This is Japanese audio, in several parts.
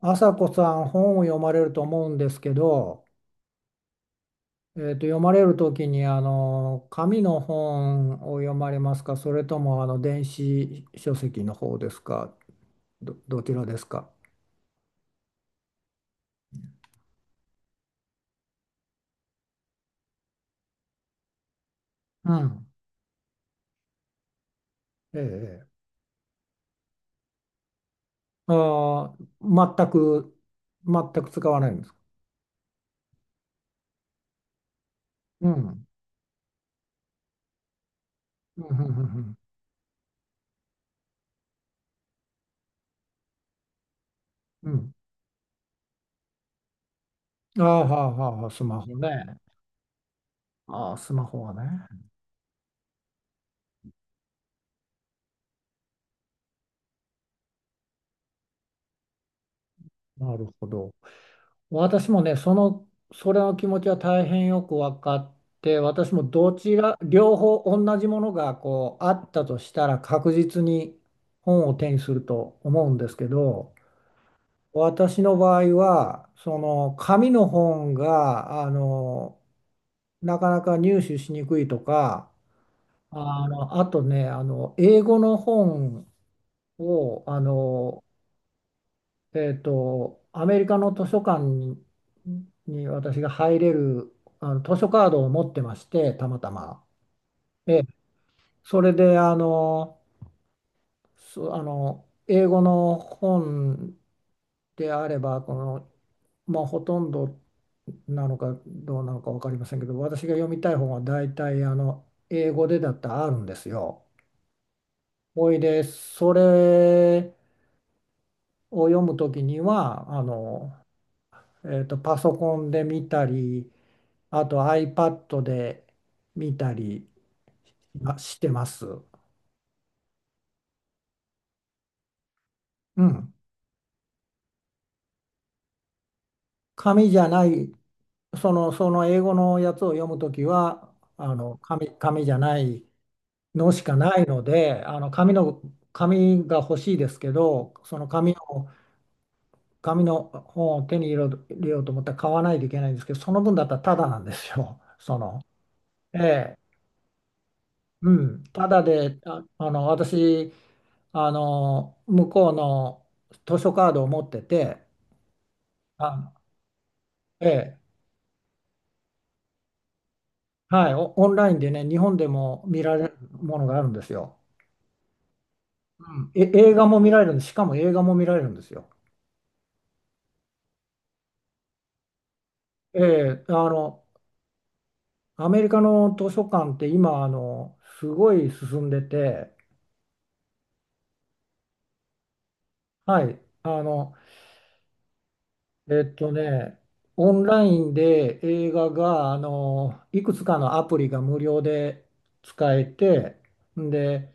朝子さん、本を読まれると思うんですけど、読まれる時に、あの紙の本を読まれますか、それともあの電子書籍の方ですか？どちらですか？うん。ええ。ええ。あ全く、使わないんですか？うん。うん。うん。うん。うん。ああ、はあ。はあ、スマホね。ああ、スマホはね。なるほど。私もね、その、それの気持ちは大変よく分かって、私もどちら、両方同じものがこうあったとしたら、確実に本を手にすると思うんですけど、私の場合は、その紙の本が、なかなか入手しにくいとか、あとね、英語の本を、アメリカの図書館に、私が入れるあの図書カードを持ってまして、たまたま。ええ、それであの英語の本であれば、この、まあ、ほとんどなのかどうなのか分かりませんけど、私が読みたい本は大体あの英語でだったらあるんですよ。ほいで、それを読むときには、パソコンで見たり、あと iPad で見たりしてます。うん。紙じゃない、その、その英語のやつを読むときは、紙じゃないのしかないので、紙が欲しいですけど、紙の本を手に入れよう入れようと思ったら、買わないといけないんですけど、その分だったらタダなんですよ。その、ええ、うん。タダで、私、向こうの図書カードを持ってて、あ、ええ、はい、オンラインでね、日本でも見られるものがあるんですよ。うん、映画も見られるんです。しかも映画も見られるんですよ。ええ、アメリカの図書館って今、すごい進んでて、はい、えっとね、オンラインで映画が、いくつかのアプリが無料で使えて、んで、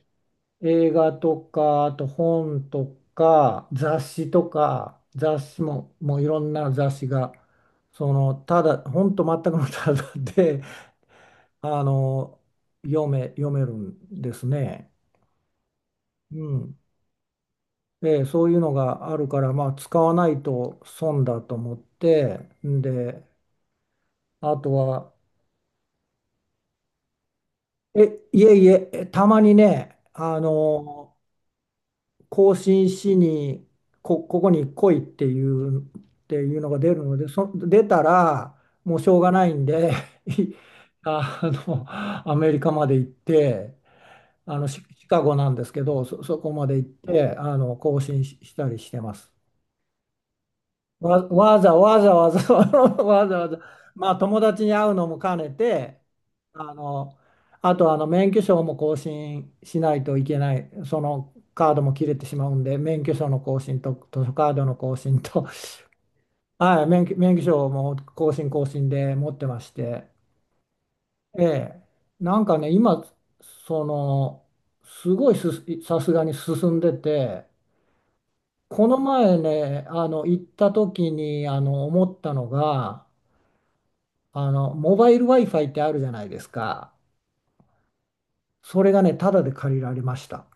映画とか、あと本とか、雑誌とか、雑誌も、もういろんな雑誌が、その、ただ、本当全くのただで、あの、読めるんですね。うん。で、そういうのがあるから、まあ、使わないと損だと思って、んで、あとは、いえいえ、たまにね、更新しにここに来いっていう、のが出るので、出たらもうしょうがないんで あアメリカまで行って、あのシカゴなんですけど、そこまで行って、更新したりしてます。わ、わざわざわざ わざわざ、まあ友達に会うのも兼ねて、あの、あと、あの免許証も更新しないといけない、そのカードも切れてしまうんで、免許証の更新と図書カードの更新と、はい、免許証も更新更新で持ってまして、ええ、なんかね、今、その、すごいす、さすがに進んでて、この前ね、行った時に、思ったのが、モバイル Wi-Fi ってあるじゃないですか。それがね、タダで借りられました。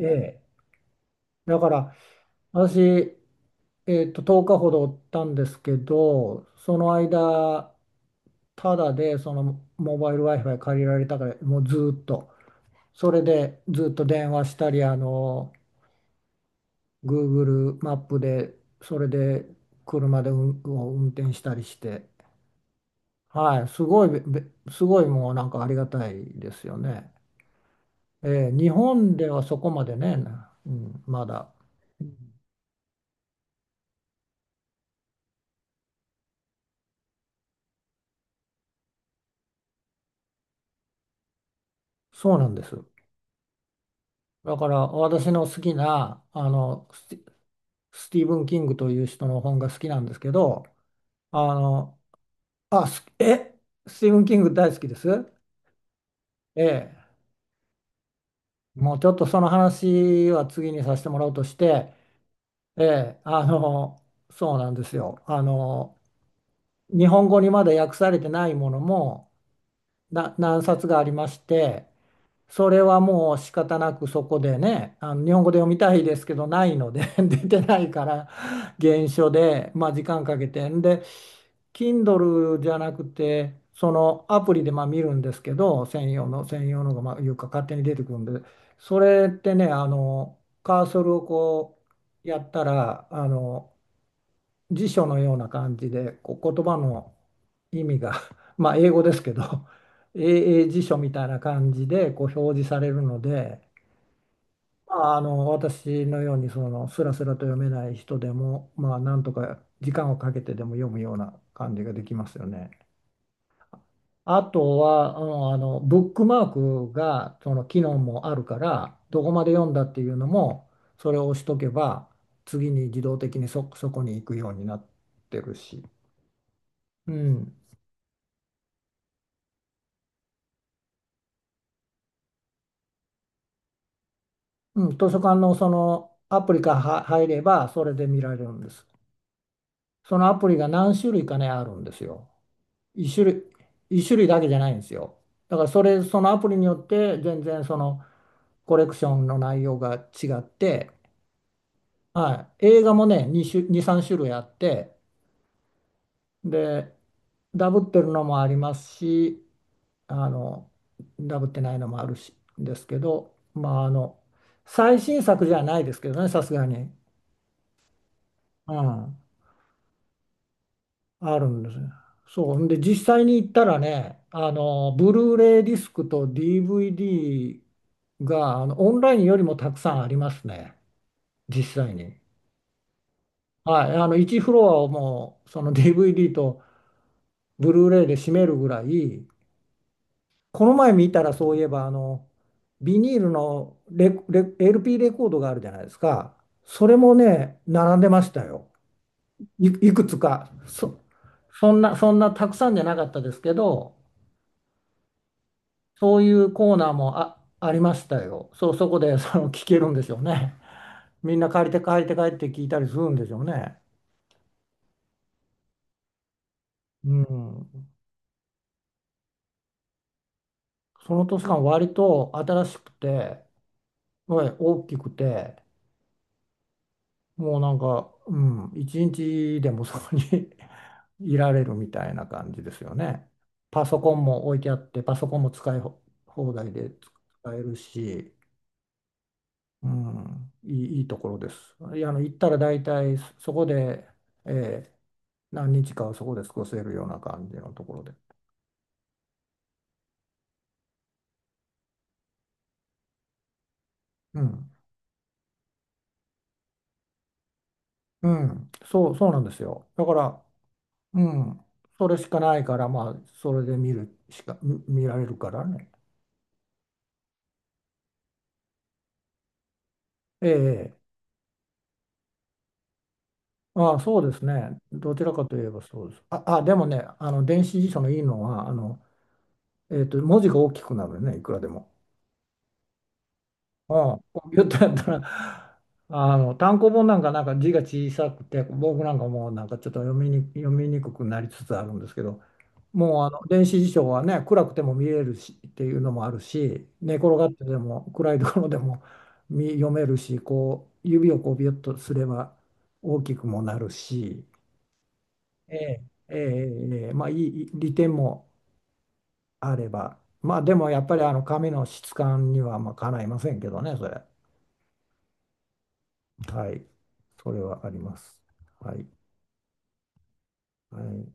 ええ。だから、私、10日ほどおったんですけど、その間、タダでそのモバイル Wi-Fi 借りられたから、もうずーっと、それでずっと電話したり、Google マップで、それで車で運転したりして、はい、すごい、もうなんかありがたいですよね。日本ではそこまでね、うん、まだ。そうなんです。だから私の好きなあのスティーブン・キングという人の本が好きなんですけど、あの、あ、すえ、スティーブン・キング大好きです。ええ、もうちょっとその話は次にさせてもらうとして、ええ、そうなんですよ。日本語にまだ訳されてないものも何冊がありまして、それはもう仕方なくそこでね、あの日本語で読みたいですけどないので 出てないから原書で、まあ、時間かけてんで、 Kindle じゃなくてそのアプリでまあ見るんですけど、専用の専用のがまあいうか勝手に出てくるんで、それってね、あのカーソルをこうやったら、あの辞書のような感じで、こう言葉の意味が まあ英語ですけど 英英辞書みたいな感じでこう表示されるので、まあ、あの私のようにそのスラスラと読めない人でも、まあ、なんとか時間をかけてでも読むような感じができますよね。あとは、うん、あのブックマークがその機能もあるから、どこまで読んだっていうのもそれを押しとけば次に自動的にそこに行くようになってるし。うん、うん、図書館のそのアプリからは入れば、それで見られるんです。そのアプリが何種類かね、あるんですよ。一種類、一種類だけじゃないんですよ。だからそのアプリによって、全然そのコレクションの内容が違って、はい、映画もね、2、3種類あって、で、ダブってるのもありますし、あの、ダブってないのもあるし、ですけど、まあ、最新作じゃないですけどね、さすがに。うん、あるんですね。そう。んで、実際に行ったらね、ブルーレイディスクと DVD が、オンラインよりもたくさんありますね。実際に。はい。1フロアをもう、その DVD とブルーレイで占めるぐらい。この前見たらそういえば、ビニールのLP レコードがあるじゃないですか。それもね、並んでましたよ。いくつか。そんなたくさんじゃなかったですけど、そういうコーナーもありましたよ。そう、そこで その聞けるんでしょうね。みんな借りて借りて帰って聞いたりするんでしょうね。うん。その図書館割と新しくて、はい、大きくて、もうなんか、うん、一日でもそこに いられるみたいな感じですよね。パソコンも置いてあって、パソコンも使い放題で使えるし、うん、いいところです。いや、行ったら大体そこで、えー何日かはそこで過ごせるような感じのところで。うん。うん。そうなんですよ。だから、うん。それしかないから、まあ、それで見るしか、見られるからね。ええ。ああ、そうですね。どちらかといえばそうです。でもね、電子辞書のいいのは、文字が大きくなるね、いくらでも。うん、コンピューターやったら、単行本なんか字が小さくて、僕なんかもうなんかちょっと読みにくくなりつつあるんですけど、もうあの電子辞書はね、暗くても見えるしっていうのもあるし、寝転がってでも暗いところでも読めるし、こう指をこうビュッとすれば大きくもなるし、ええ、ええ、ええ、まあいい利点もあれば、まあでもやっぱりあの紙の質感にはまあかないませんけどね、それ。はい。それはあります。はい。はい。